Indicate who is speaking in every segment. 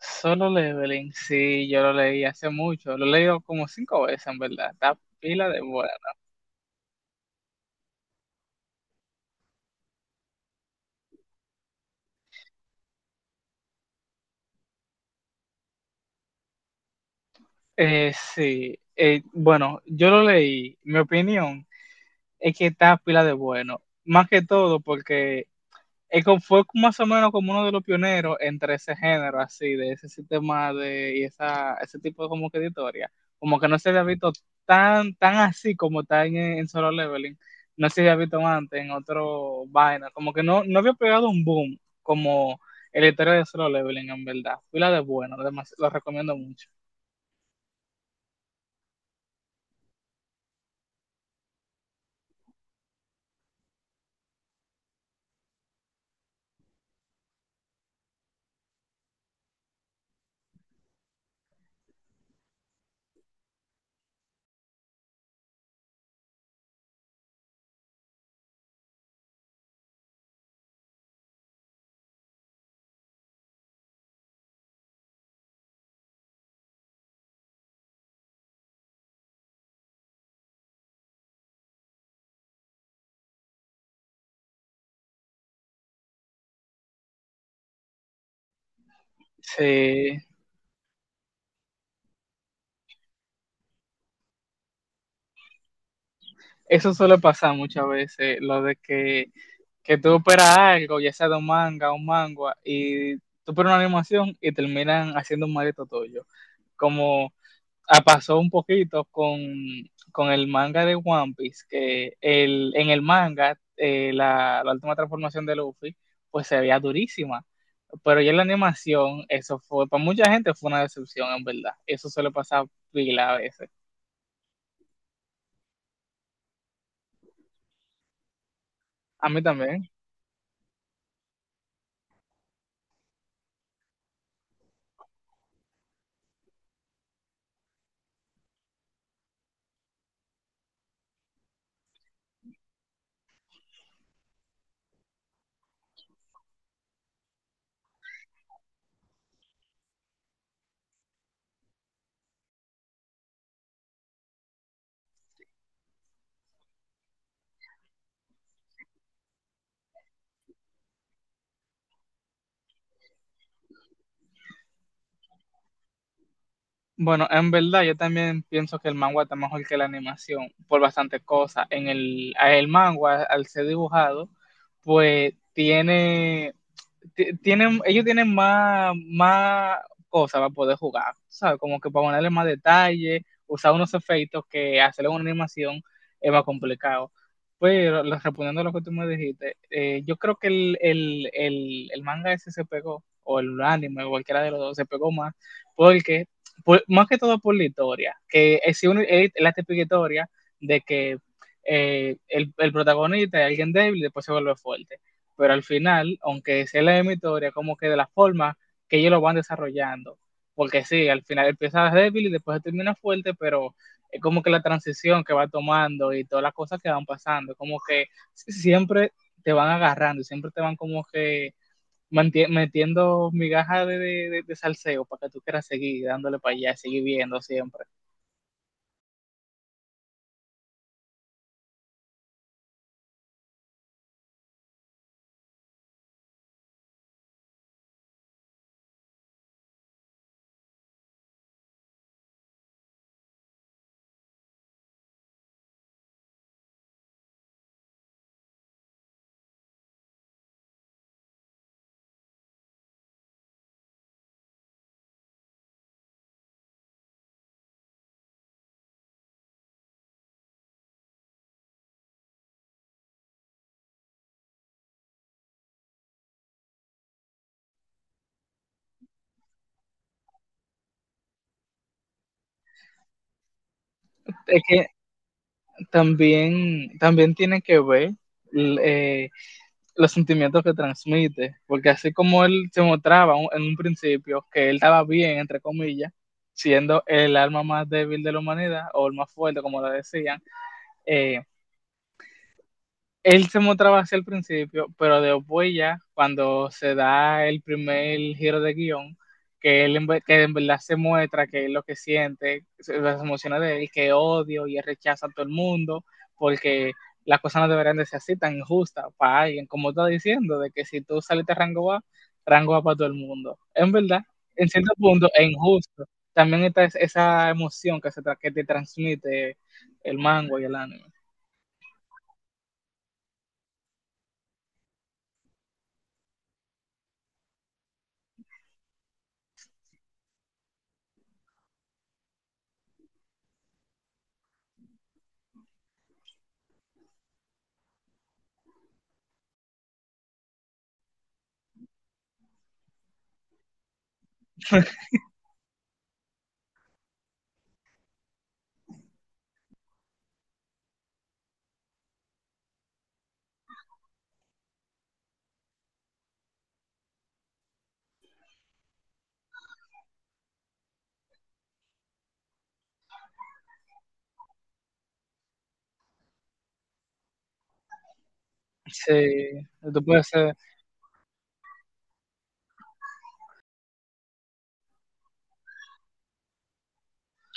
Speaker 1: Solo Leveling, sí, yo lo leí hace mucho, lo he leído como cinco veces en verdad, está pila de buena. Sí, bueno, yo lo leí, mi opinión es que está pila de bueno, más que todo porque fue más o menos como uno de los pioneros entre ese género, así, de ese sistema de, y esa, ese tipo de como que de historia. Como que no se había visto tan así como está en Solo Leveling. No se había visto antes en otro vaina. Como que no, no había pegado un boom como el historia de Solo Leveling, en verdad. Pila de bueno, además, lo recomiendo mucho. Sí, eso suele pasar muchas veces, lo de que tú esperas algo, ya sea de un manga o un manga, y tú pones una animación y terminan haciendo un maldito tuyo. Como ah, pasó un poquito con el manga de One Piece, que el, en el manga la, la última transformación de Luffy, pues se veía durísima. Pero ya en la animación, eso fue, para mucha gente fue una decepción, en verdad. Eso suele pasar pila a veces. A mí también. Bueno, en verdad yo también pienso que el manga está mejor que la animación por bastantes cosas. En el, a el manga, al ser dibujado, pues tiene, ellos tienen más, más cosas para poder jugar, ¿sabes? Como que para ponerle más detalle, usar unos efectos que hacerle una animación es más complicado. Pero respondiendo a lo que tú me dijiste, yo creo que el manga ese se pegó, o el anime, o cualquiera de los dos, se pegó más porque más que todo por la historia, que es, si uno- es la típica historia de que el protagonista es alguien débil y después se vuelve fuerte. Pero al final, aunque sea la misma historia, como que de la forma que ellos lo van desarrollando. Porque sí, al final empieza débil y después termina fuerte, pero es como que la transición que va tomando y todas las cosas que van pasando, como que siempre te van agarrando y siempre te van como que metiendo migajas de, de salseo para que tú quieras seguir dándole para allá, seguir viendo siempre. Es que también, también tiene que ver l- eh, los sentimientos que transmite, porque así como él se mostraba en un principio que él estaba bien, entre comillas, siendo el alma más débil de la humanidad o el más fuerte, como lo decían, eh, Él se mostraba hacia el principio, pero después ya, cuando se da el primer giro de guión, que que en verdad se muestra que es lo que siente, las emociones de él, que odio y él rechaza a todo el mundo, porque las cosas no deberían de ser así tan injustas para alguien, como está diciendo, de que si tú saliste a rango A, rango A para todo el mundo. En verdad, en cierto punto es injusto. También está esa emoción que, que te transmite el mango y el anime. Sí, tú puedes ser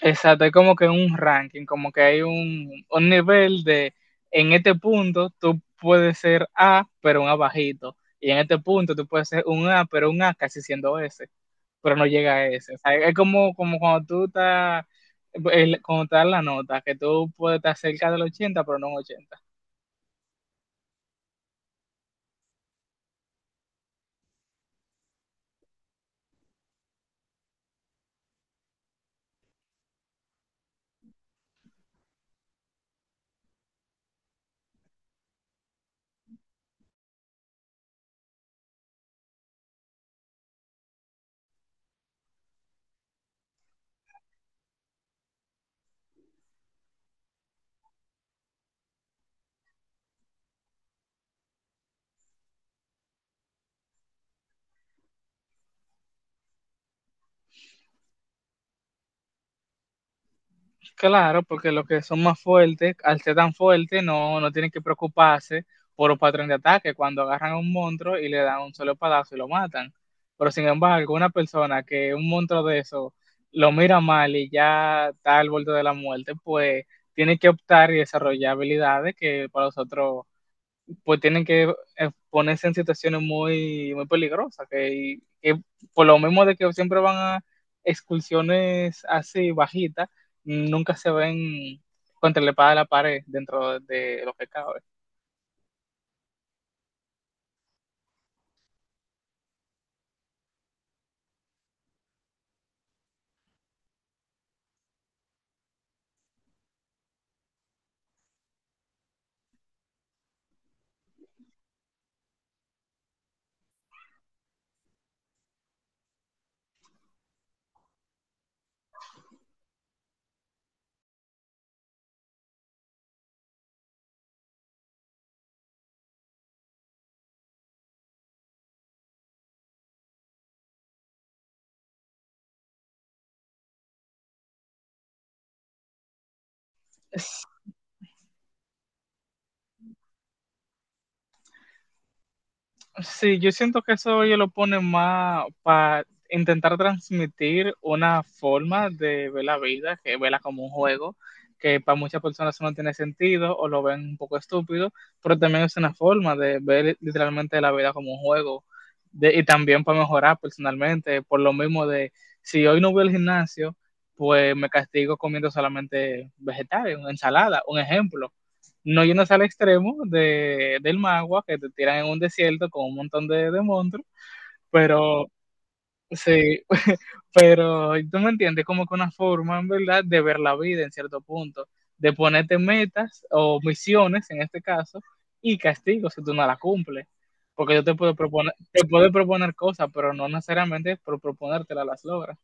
Speaker 1: Exacto, es como que un ranking, como que hay un nivel de, en este punto tú puedes ser A, pero un A bajito, y en este punto tú puedes ser un A, pero un A casi siendo S, pero no llega a S. O sea, es como, como cuando tú estás, cuando te dan la nota, que tú puedes estar cerca del 80, pero no un 80. Claro, porque los que son más fuertes, al ser tan fuertes, no, no tienen que preocuparse por un patrón de ataque cuando agarran a un monstruo y le dan un solo palazo y lo matan. Pero sin embargo, una persona que un monstruo de eso lo mira mal y ya está al borde de la muerte, pues tiene que optar y desarrollar habilidades que para nosotros pues tienen que ponerse en situaciones muy peligrosas, que por lo mismo de que siempre van a excursiones así bajitas, nunca se ven contra la espada de la pared dentro de lo que cabe. Sí, yo siento que eso ellos lo ponen más para intentar transmitir una forma de ver la vida, que verla como un juego, que para muchas personas eso no tiene sentido o lo ven un poco estúpido, pero también es una forma de ver literalmente la vida como un juego y también para mejorar personalmente, por lo mismo de si hoy no voy al gimnasio, pues me castigo comiendo solamente vegetales, una ensalada, un ejemplo no yéndose al extremo de, del magua, que te tiran en un desierto con un montón de monstruos, pero sí, pero tú me entiendes, como que una forma, en verdad, de ver la vida en cierto punto, de ponerte metas o misiones, en este caso, y castigos si tú no las cumples. Porque yo te puedo proponer cosas, pero no necesariamente por proponértelas las logras.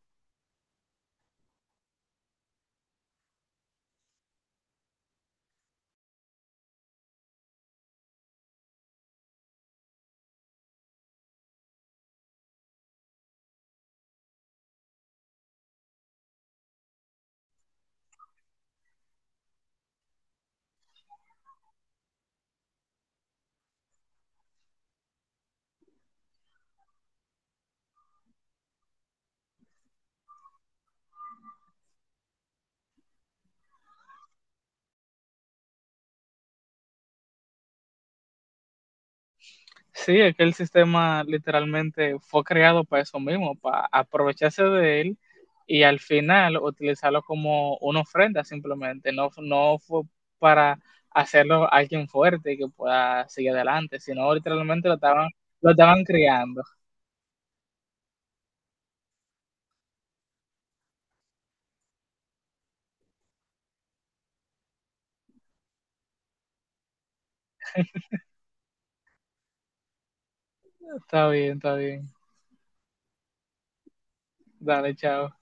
Speaker 1: Sí, es que el sistema literalmente fue creado para eso mismo, para aprovecharse de él y al final utilizarlo como una ofrenda simplemente. No, no fue para hacerlo alguien fuerte que pueda seguir adelante, sino literalmente lo estaban criando. Está bien, está bien. Dale, chao.